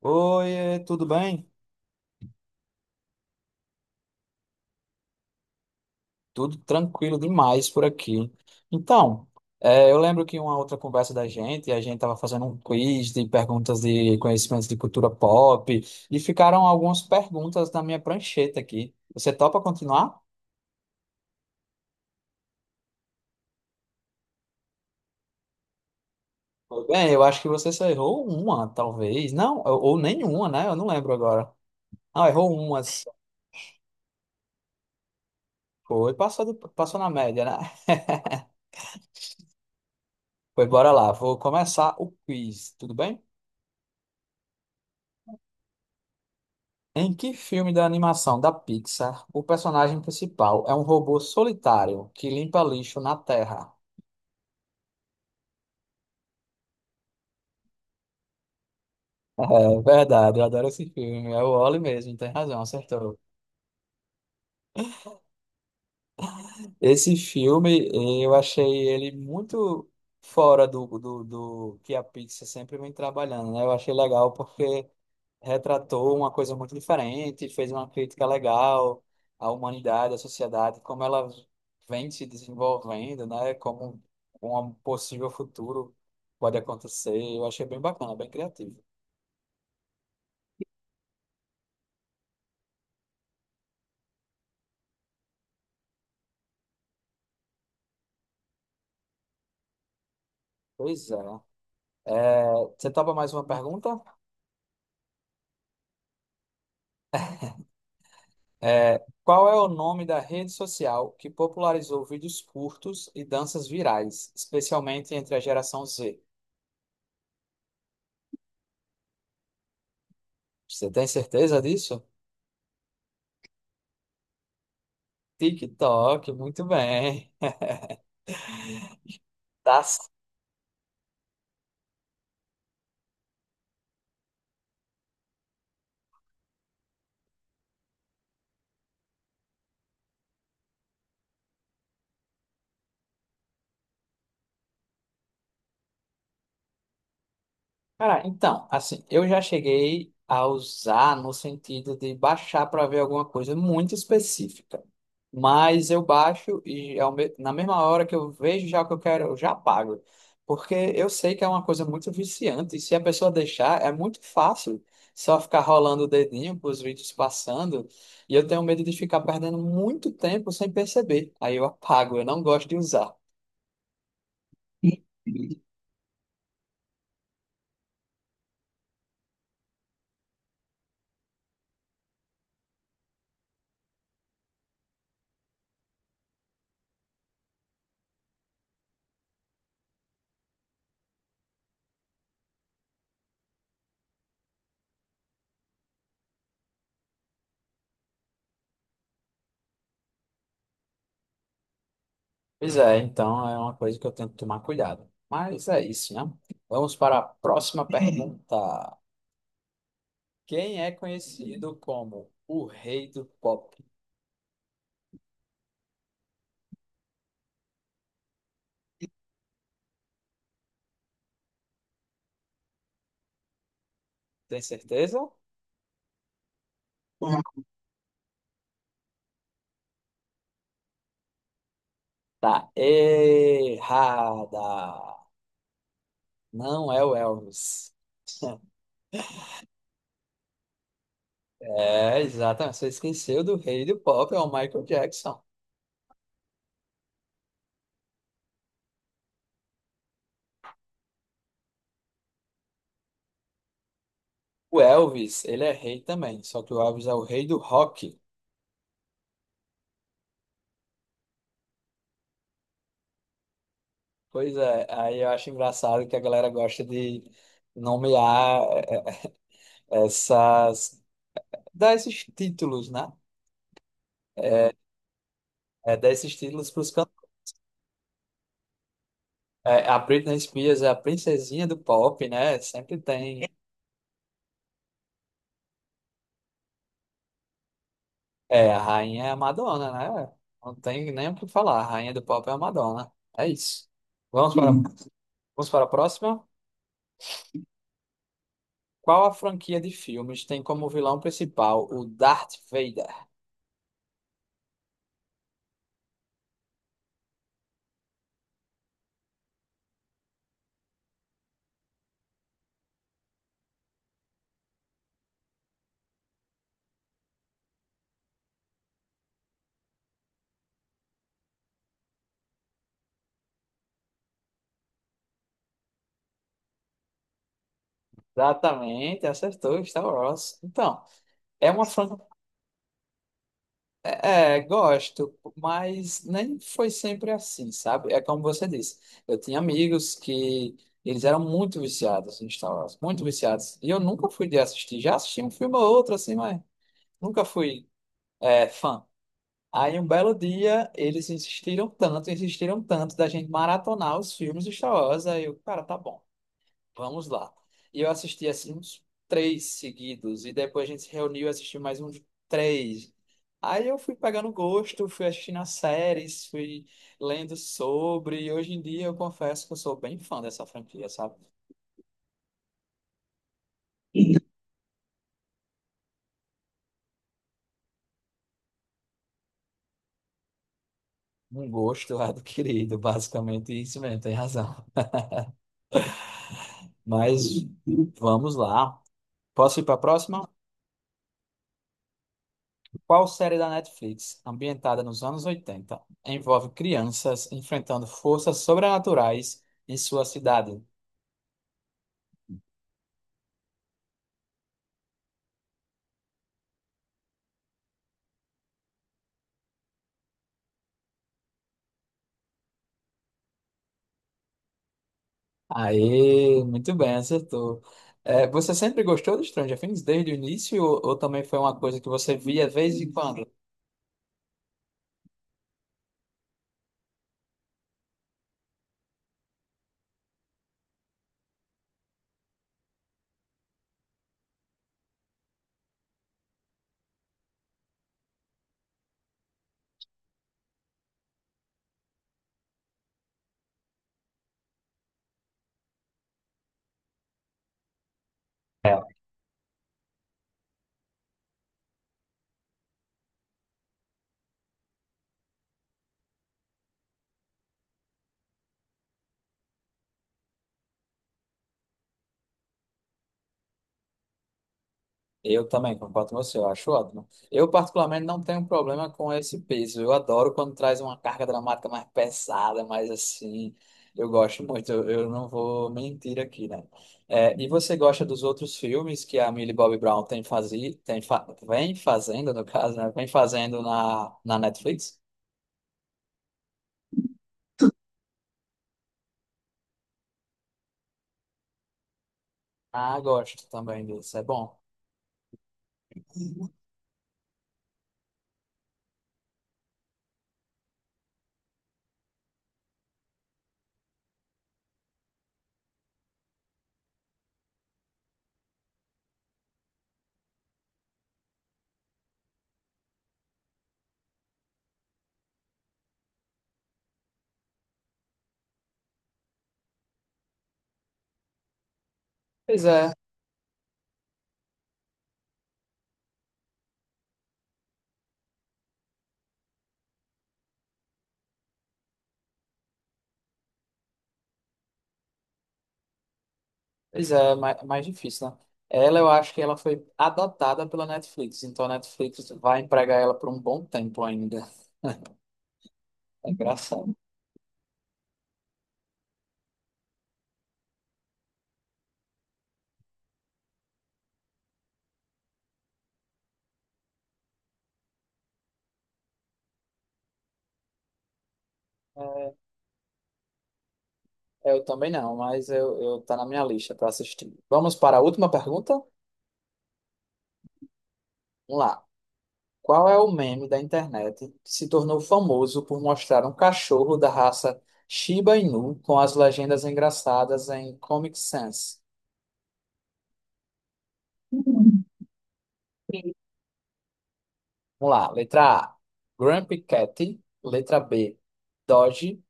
Oi, tudo bem? Tudo tranquilo demais por aqui. Então, eu lembro que uma outra conversa da gente, a gente estava fazendo um quiz de perguntas de conhecimentos de cultura pop e ficaram algumas perguntas na minha prancheta aqui. Você topa continuar? Tudo bem, eu acho que você só errou uma, talvez. Não, ou nenhuma, né? Eu não lembro agora. Não, errou uma. Só. Foi, passou, passou na média, né? Pois bora lá, vou começar o quiz, tudo bem? Em que filme da animação da Pixar o personagem principal é um robô solitário que limpa lixo na Terra? É verdade, eu adoro esse filme. É o Wall-E mesmo, tem razão, acertou. Esse filme, eu achei ele muito fora do que a Pixar sempre vem trabalhando, né? Eu achei legal porque retratou uma coisa muito diferente, fez uma crítica legal à humanidade, à sociedade, como ela vem se desenvolvendo, né? Como um possível futuro pode acontecer. Eu achei bem bacana, bem criativo. Pois é. É, você topa mais uma pergunta? É, qual é o nome da rede social que popularizou vídeos curtos e danças virais, especialmente entre a geração Z? Você tem certeza disso? TikTok, muito bem. Tá. Cara, então, assim, eu já cheguei a usar no sentido de baixar para ver alguma coisa muito específica. Mas eu baixo e na mesma hora que eu vejo já o que eu quero, eu já pago. Porque eu sei que é uma coisa muito viciante e se a pessoa deixar, é muito fácil só ficar rolando o dedinho para os vídeos passando. E eu tenho medo de ficar perdendo muito tempo sem perceber. Aí eu apago, eu não gosto de usar. Pois é, então é uma coisa que eu tento tomar cuidado. Mas é isso, né? Vamos para a próxima pergunta. Quem é conhecido como o rei do pop? Tem certeza? Tá errada. Não é o Elvis. É, exatamente. Você esqueceu do rei do pop, é o Michael Jackson. O Elvis, ele é rei também, só que o Elvis é o rei do rock. Pois é, aí eu acho engraçado que a galera gosta de nomear essas, dar esses títulos, né? É, dar esses títulos para os cantores. A Britney Spears é a princesinha do pop, né? Sempre tem. É, a rainha é a Madonna, né? Não tem nem o que falar. A rainha do pop é a Madonna. É isso. Sim. Vamos para a próxima. Qual a franquia de filmes tem como vilão principal o Darth Vader? Exatamente, acertou Star Wars. Então, é uma fran É, gosto, mas nem foi sempre assim, sabe? É como você disse, eu tinha amigos que eles eram muito viciados em Star Wars, muito viciados, e eu nunca fui de assistir, já assisti um filme ou outro assim, mas nunca fui fã. Aí um belo dia eles insistiram tanto da gente maratonar os filmes de Star Wars, aí eu, cara, tá bom. Vamos lá. E eu assisti assim uns três seguidos. E depois a gente se reuniu e assistiu mais uns três. Aí eu fui pegando gosto, fui assistindo as séries, fui lendo sobre. E hoje em dia eu confesso que eu sou bem fã dessa franquia, sabe? Um gosto adquirido, basicamente isso mesmo, tem razão. Mas vamos lá. Posso ir para a próxima? Qual série da Netflix, ambientada nos anos 80, envolve crianças enfrentando forças sobrenaturais em sua cidade? Aí, muito bem, acertou. É, você sempre gostou do Stranger Things desde o início ou também foi uma coisa que você via de vez em quando? É, eu também concordo com você, eu acho ótimo. Eu, particularmente, não tenho problema com esse peso. Eu adoro quando traz uma carga dramática mais pesada, mais assim. Eu gosto muito, eu não vou mentir aqui, né? É, e você gosta dos outros filmes que a Millie Bobby Brown tem fazi, tem fa- vem fazendo, no caso, né? Vem fazendo na Netflix? Ah, gosto também disso, é bom. Pois é, pois é, mais, mais difícil, né? Ela, eu acho que ela foi adotada pela Netflix, então a Netflix vai empregar ela por um bom tempo ainda. É engraçado. É, eu também não, mas eu tá na minha lista para assistir. Vamos para a última pergunta? Vamos lá. Qual é o meme da internet que se tornou famoso por mostrar um cachorro da raça Shiba Inu com as legendas engraçadas em Comic Sans? Vamos lá. Letra A, Grumpy Cat. Letra B, Dodge.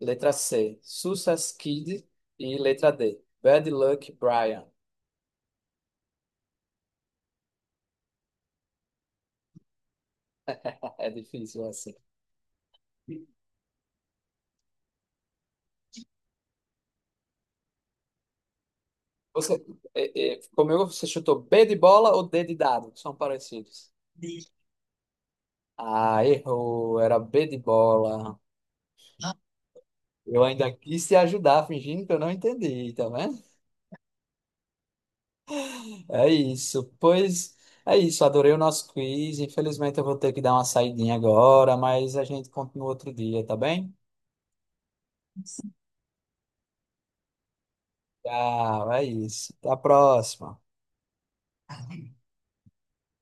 Letra C, Suicide Kid. E letra D, Bad Luck Brian. É difícil assim. Você, comigo você chutou B de bola ou D de dado? Que são parecidos. Ah, errou. Era B de bola. Eu ainda quis te ajudar, fingindo que eu não entendi, tá vendo? É isso. Pois é isso. Adorei o nosso quiz. Infelizmente eu vou ter que dar uma saidinha agora, mas a gente continua outro dia, tá bem? Tchau, é isso. Até a próxima.